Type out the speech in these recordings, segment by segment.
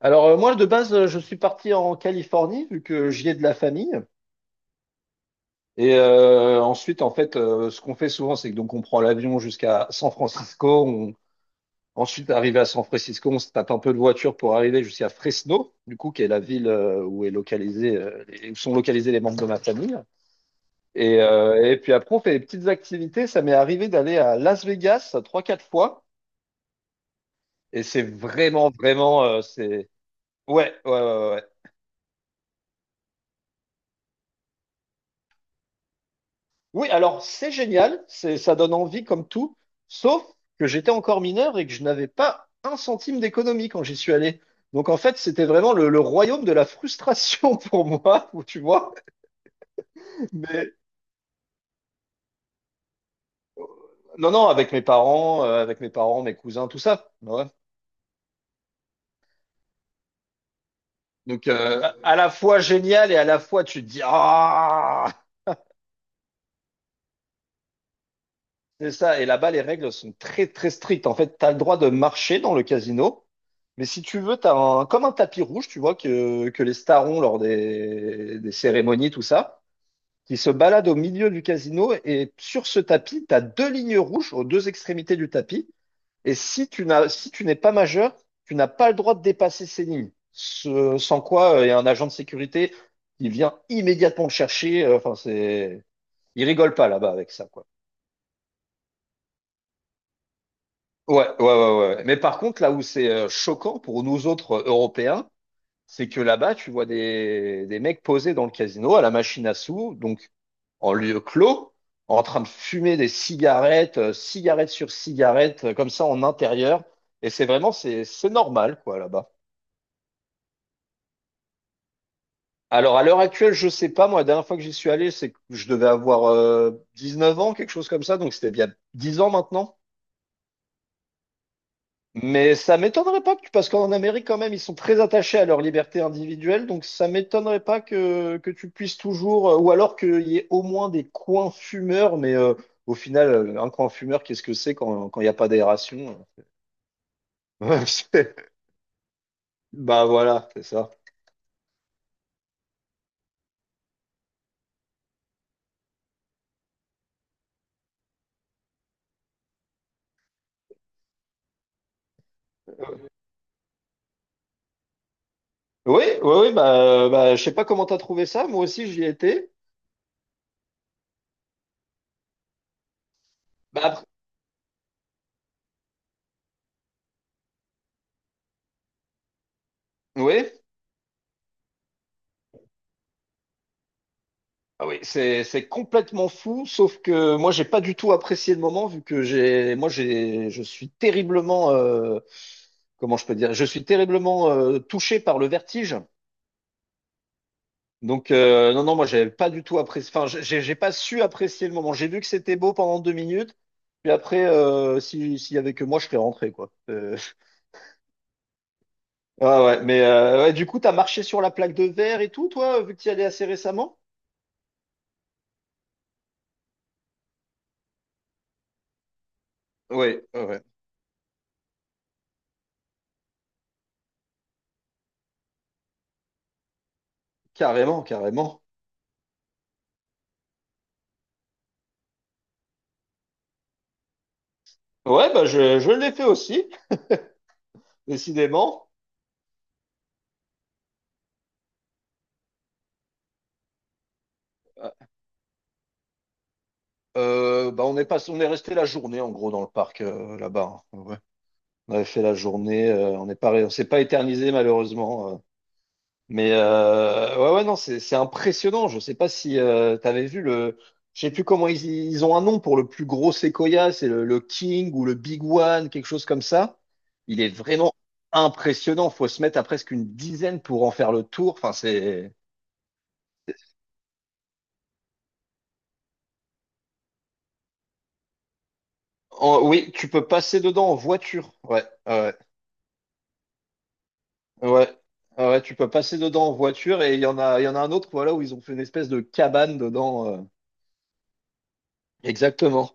Alors moi de base je suis parti en Californie vu que j'y ai de la famille et ensuite en fait ce qu'on fait souvent c'est que donc on prend l'avion jusqu'à San Francisco on... ensuite arrivé à San Francisco on se tape un peu de voiture pour arriver jusqu'à Fresno du coup qui est la ville où est localisé où sont localisés les membres de ma famille et puis après on fait des petites activités. Ça m'est arrivé d'aller à Las Vegas trois quatre fois et c'est vraiment, c'est... Ouais, ouais, ouais, ouais, ouais. Oui, alors c'est génial, c'est, ça donne envie comme tout, sauf que j'étais encore mineur et que je n'avais pas un centime d'économie quand j'y suis allé. Donc en fait, c'était vraiment le royaume de la frustration pour moi, tu vois. Mais non, non, avec mes parents, mes cousins, tout ça. Ouais. Donc à la fois génial et à la fois tu te dis ah. C'est ça. Et là-bas, les règles sont très, très strictes. En fait, tu as le droit de marcher dans le casino. Mais si tu veux, tu as un, comme un tapis rouge, tu vois, que les stars ont lors des cérémonies, tout ça, qui se balade au milieu du casino. Et sur ce tapis, tu as deux lignes rouges aux deux extrémités du tapis. Et si tu n'es pas majeur, tu n'as pas le droit de dépasser ces lignes. Sans quoi, il y a un agent de sécurité qui vient immédiatement te chercher. Enfin, c'est, il rigole pas là-bas avec ça, quoi. Ouais, ouais, ouais, ouais, ouais. Mais par contre, là où c'est choquant pour nous autres Européens, c'est que là-bas, tu vois des mecs posés dans le casino à la machine à sous, donc en lieu clos, en train de fumer des cigarettes, cigarette sur cigarette, comme ça en intérieur. Et c'est vraiment, c'est normal, quoi, là-bas. Alors, à l'heure actuelle, je sais pas, moi, la dernière fois que j'y suis allé, c'est que je devais avoir 19 ans, quelque chose comme ça, donc c'était bien 10 ans maintenant. Mais ça m'étonnerait pas que, parce qu'en Amérique, quand même, ils sont très attachés à leur liberté individuelle, donc ça m'étonnerait pas que, que tu puisses toujours, ou alors qu'il y ait au moins des coins fumeurs, mais au final, un coin fumeur, qu'est-ce que c'est quand, quand il n'y a pas d'aération? Ouais, c'est... Bah voilà, c'est ça. Oui, oui, oui, bah, bah je sais pas comment t'as trouvé ça, moi aussi j'y étais. Bah, après... oui. Ah oui, c'est complètement fou, sauf que moi j'ai pas du tout apprécié le moment vu que j'ai moi j'ai je suis terriblement comment je peux dire, je suis terriblement touché par le vertige. Donc non, non, moi j'ai pas du tout apprécié, enfin j'ai pas su apprécier le moment. J'ai vu que c'était beau pendant 2 minutes puis après si s'il y avait que moi je serais rentré, quoi. Ah ouais mais ouais, du coup t'as marché sur la plaque de verre et tout toi vu que t'y allais assez récemment? Oui, ouais, ouais. Carrément, carrément. Ouais bah je l'ai fait aussi. Décidément, bah on est pas, on est resté la journée en gros dans le parc là-bas, hein. Ouais. On avait fait la journée, on s'est pas éternisé malheureusement. Mais ouais, ouais, non, c'est impressionnant. Je sais pas si t'avais vu je sais plus comment ils, ils ont un nom pour le plus gros séquoia, c'est le King ou le Big One, quelque chose comme ça. Il est vraiment impressionnant. Faut se mettre à presque une dizaine pour en faire le tour. Enfin, c'est, oui, tu peux passer dedans en voiture. Ouais, ouais, ouais. Ouais. Ah ouais, tu peux passer dedans en voiture et il y en a un autre, voilà, où ils ont fait une espèce de cabane dedans. Exactement.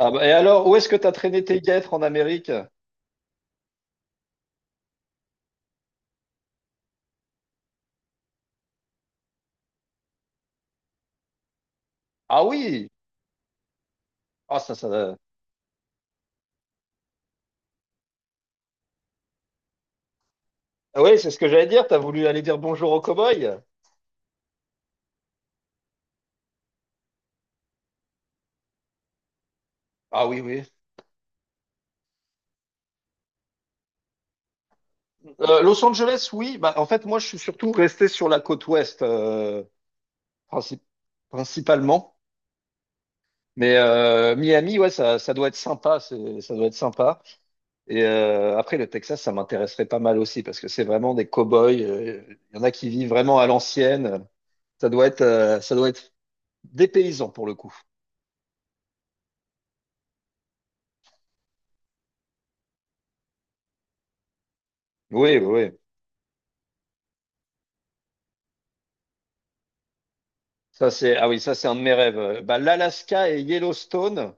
Ah bah, et alors, où est-ce que t'as traîné tes guêtres en Amérique? Ah oui! Ah ça, ça. Ah oui, c'est ce que j'allais dire. T'as voulu aller dire bonjour aux cow-boys? Ah oui, oui. Los Angeles, oui. Bah, en fait, moi, je suis surtout resté sur la côte ouest, princi- principalement. Mais Miami, ouais, ça doit être sympa. C'est, ça doit être sympa. Et après, le Texas, ça m'intéresserait pas mal aussi parce que c'est vraiment des cow-boys. Il y en a qui vivent vraiment à l'ancienne. Ça doit être des paysans pour le coup. Oui, oui, oui. Ça, c'est, ah oui, ça, c'est un de mes rêves. Bah, l'Alaska et Yellowstone,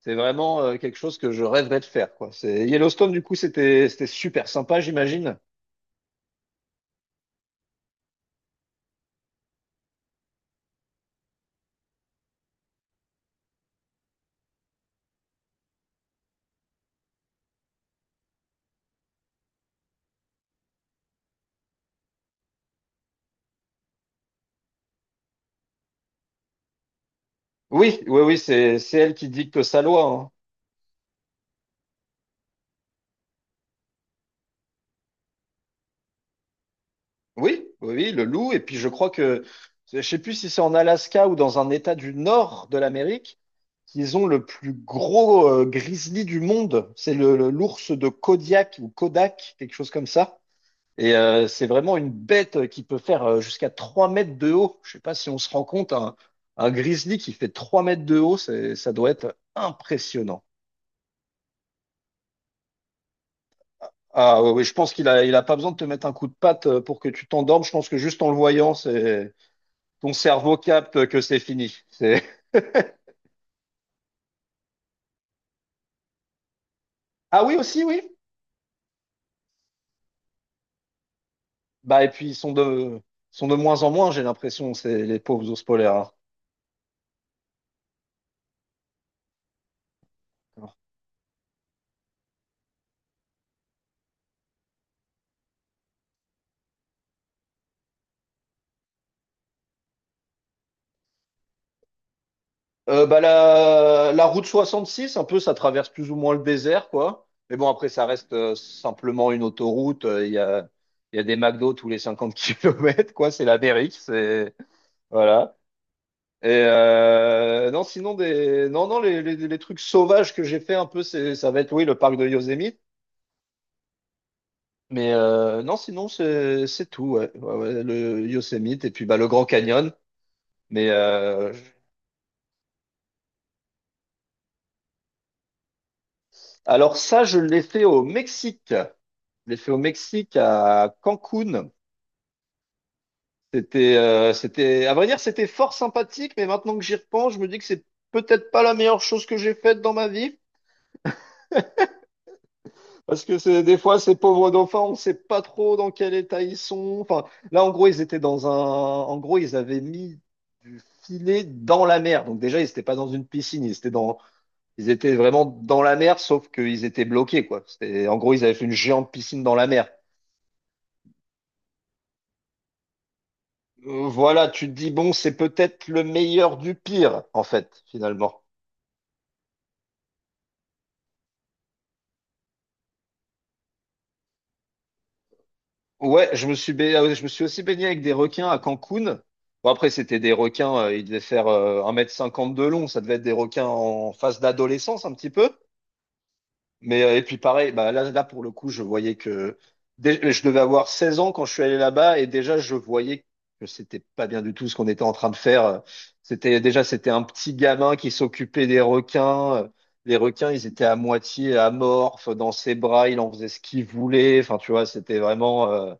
c'est vraiment quelque chose que je rêverais de faire, quoi. C'est Yellowstone, du coup, c'était, c'était super sympa, j'imagine. Oui, oui, oui, c'est elle qui dicte sa loi, hein. Oui, oui, oui, le loup. Et puis, je crois que, je sais plus si c'est en Alaska ou dans un état du nord de l'Amérique, qu'ils ont le plus gros grizzly du monde. C'est l'ours de Kodiak ou Kodak, quelque chose comme ça. Et c'est vraiment une bête qui peut faire jusqu'à 3 mètres de haut. Je sais pas si on se rend compte, un grizzly qui fait 3 mètres de haut, ça doit être impressionnant. Ah oui, je pense qu'il a, il a pas besoin de te mettre un coup de patte pour que tu t'endormes. Je pense que juste en le voyant, c'est ton cerveau capte que c'est fini. C'est... Ah oui aussi, oui. Bah et puis ils sont de moins en moins, j'ai l'impression, c'est les pauvres ours polaires, hein. Bah, la route 66 un peu, ça traverse plus ou moins le désert, quoi. Mais bon, après, ça reste simplement une autoroute. Il y a des McDo tous les 50 kilomètres, quoi. C'est l'Amérique, c'est voilà. Et non, sinon des, non, non, les trucs sauvages que j'ai fait un peu, c'est, ça va être oui, le parc de Yosemite. Mais non, sinon c'est tout, ouais. Ouais, ouais, le Yosemite et puis bah le Grand Canyon. Mais alors ça, je l'ai fait au Mexique. Je l'ai fait au Mexique, à Cancun. C'était, à vrai dire, c'était fort sympathique, mais maintenant que j'y repense, je me dis que c'est peut-être pas la meilleure chose que j'ai faite dans ma vie. Parce que c'est, des fois, ces pauvres dauphins, on sait pas trop dans quel état ils sont. Enfin, là, en gros, ils étaient dans un, en gros, ils avaient mis du filet dans la mer. Donc déjà, ils étaient pas dans une piscine, ils étaient vraiment dans la mer, sauf qu'ils étaient bloqués, quoi. C'était, en gros, ils avaient fait une géante piscine dans la mer. Voilà, tu te dis, bon, c'est peut-être le meilleur du pire, en fait, finalement. Ouais, je me suis, ba- ah ouais, je me suis aussi baigné avec des requins à Cancun. Bon, après, c'était des requins, ils devaient faire 1,50 m de long, ça devait être des requins en phase d'adolescence, un petit peu. Mais et puis pareil, bah là pour le coup, je voyais que je devais avoir 16 ans quand je suis allé là-bas et déjà je voyais que c'était pas bien du tout ce qu'on était en train de faire. C'était un petit gamin qui s'occupait des requins. Les requins, ils étaient à moitié amorphes dans ses bras, il en faisait ce qu'il voulait. Enfin, tu vois, c'était vraiment.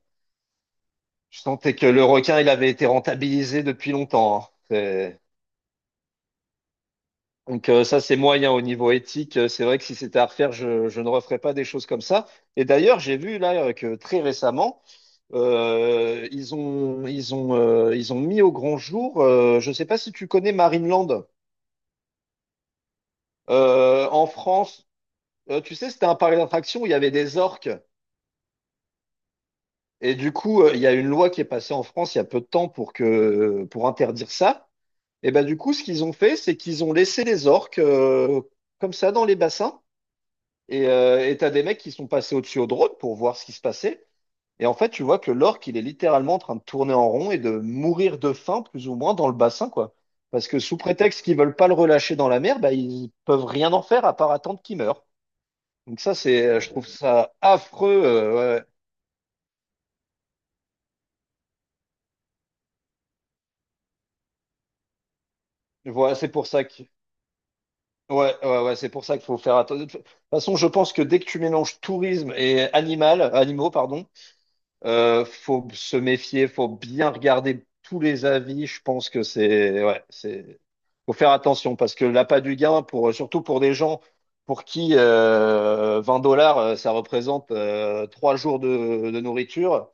Je sentais que le requin, il avait été rentabilisé depuis longtemps, hein. C'est... Donc ça, c'est moyen au niveau éthique. C'est vrai que si c'était à refaire, je ne referais pas des choses comme ça. Et d'ailleurs, j'ai vu là que très récemment, ils ont mis au grand jour, je ne sais pas si tu connais Marineland, en France, tu sais, c'était un parc d'attractions où il y avait des orques. Et du coup, il y a une loi qui est passée en France il y a peu de temps pour interdire ça. Et ben du coup, ce qu'ils ont fait, c'est qu'ils ont laissé les orques comme ça dans les bassins. Et t'as des mecs qui sont passés au-dessus au drone pour voir ce qui se passait. Et en fait, tu vois que l'orque, il est littéralement en train de tourner en rond et de mourir de faim, plus ou moins, dans le bassin, quoi. Parce que sous prétexte qu'ils veulent pas le relâcher dans la mer, bah, ils peuvent rien en faire à part attendre qu'il meure. Donc ça, c'est, je trouve ça affreux. Ouais. ouais. Voilà, c'est pour ça que, ouais, ouais, ouais, c'est pour ça qu'il faut faire attention. De toute façon, je pense que dès que tu mélanges tourisme et animal, animaux, pardon, faut se méfier, faut bien regarder tous les avis. Je pense que c'est, ouais, c'est, faut faire attention parce que l'appât du gain, pour, surtout pour des gens pour qui 20 dollars, ça représente 3 jours de nourriture,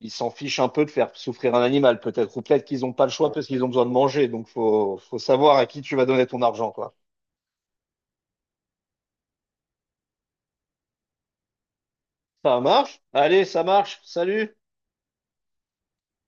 ils s'en fichent un peu de faire souffrir un animal, peut-être, ou peut-être qu'ils n'ont pas le choix parce qu'ils ont besoin de manger. Donc, faut, faut savoir à qui tu vas donner ton argent, quoi. Ça marche? Allez, ça marche. Salut!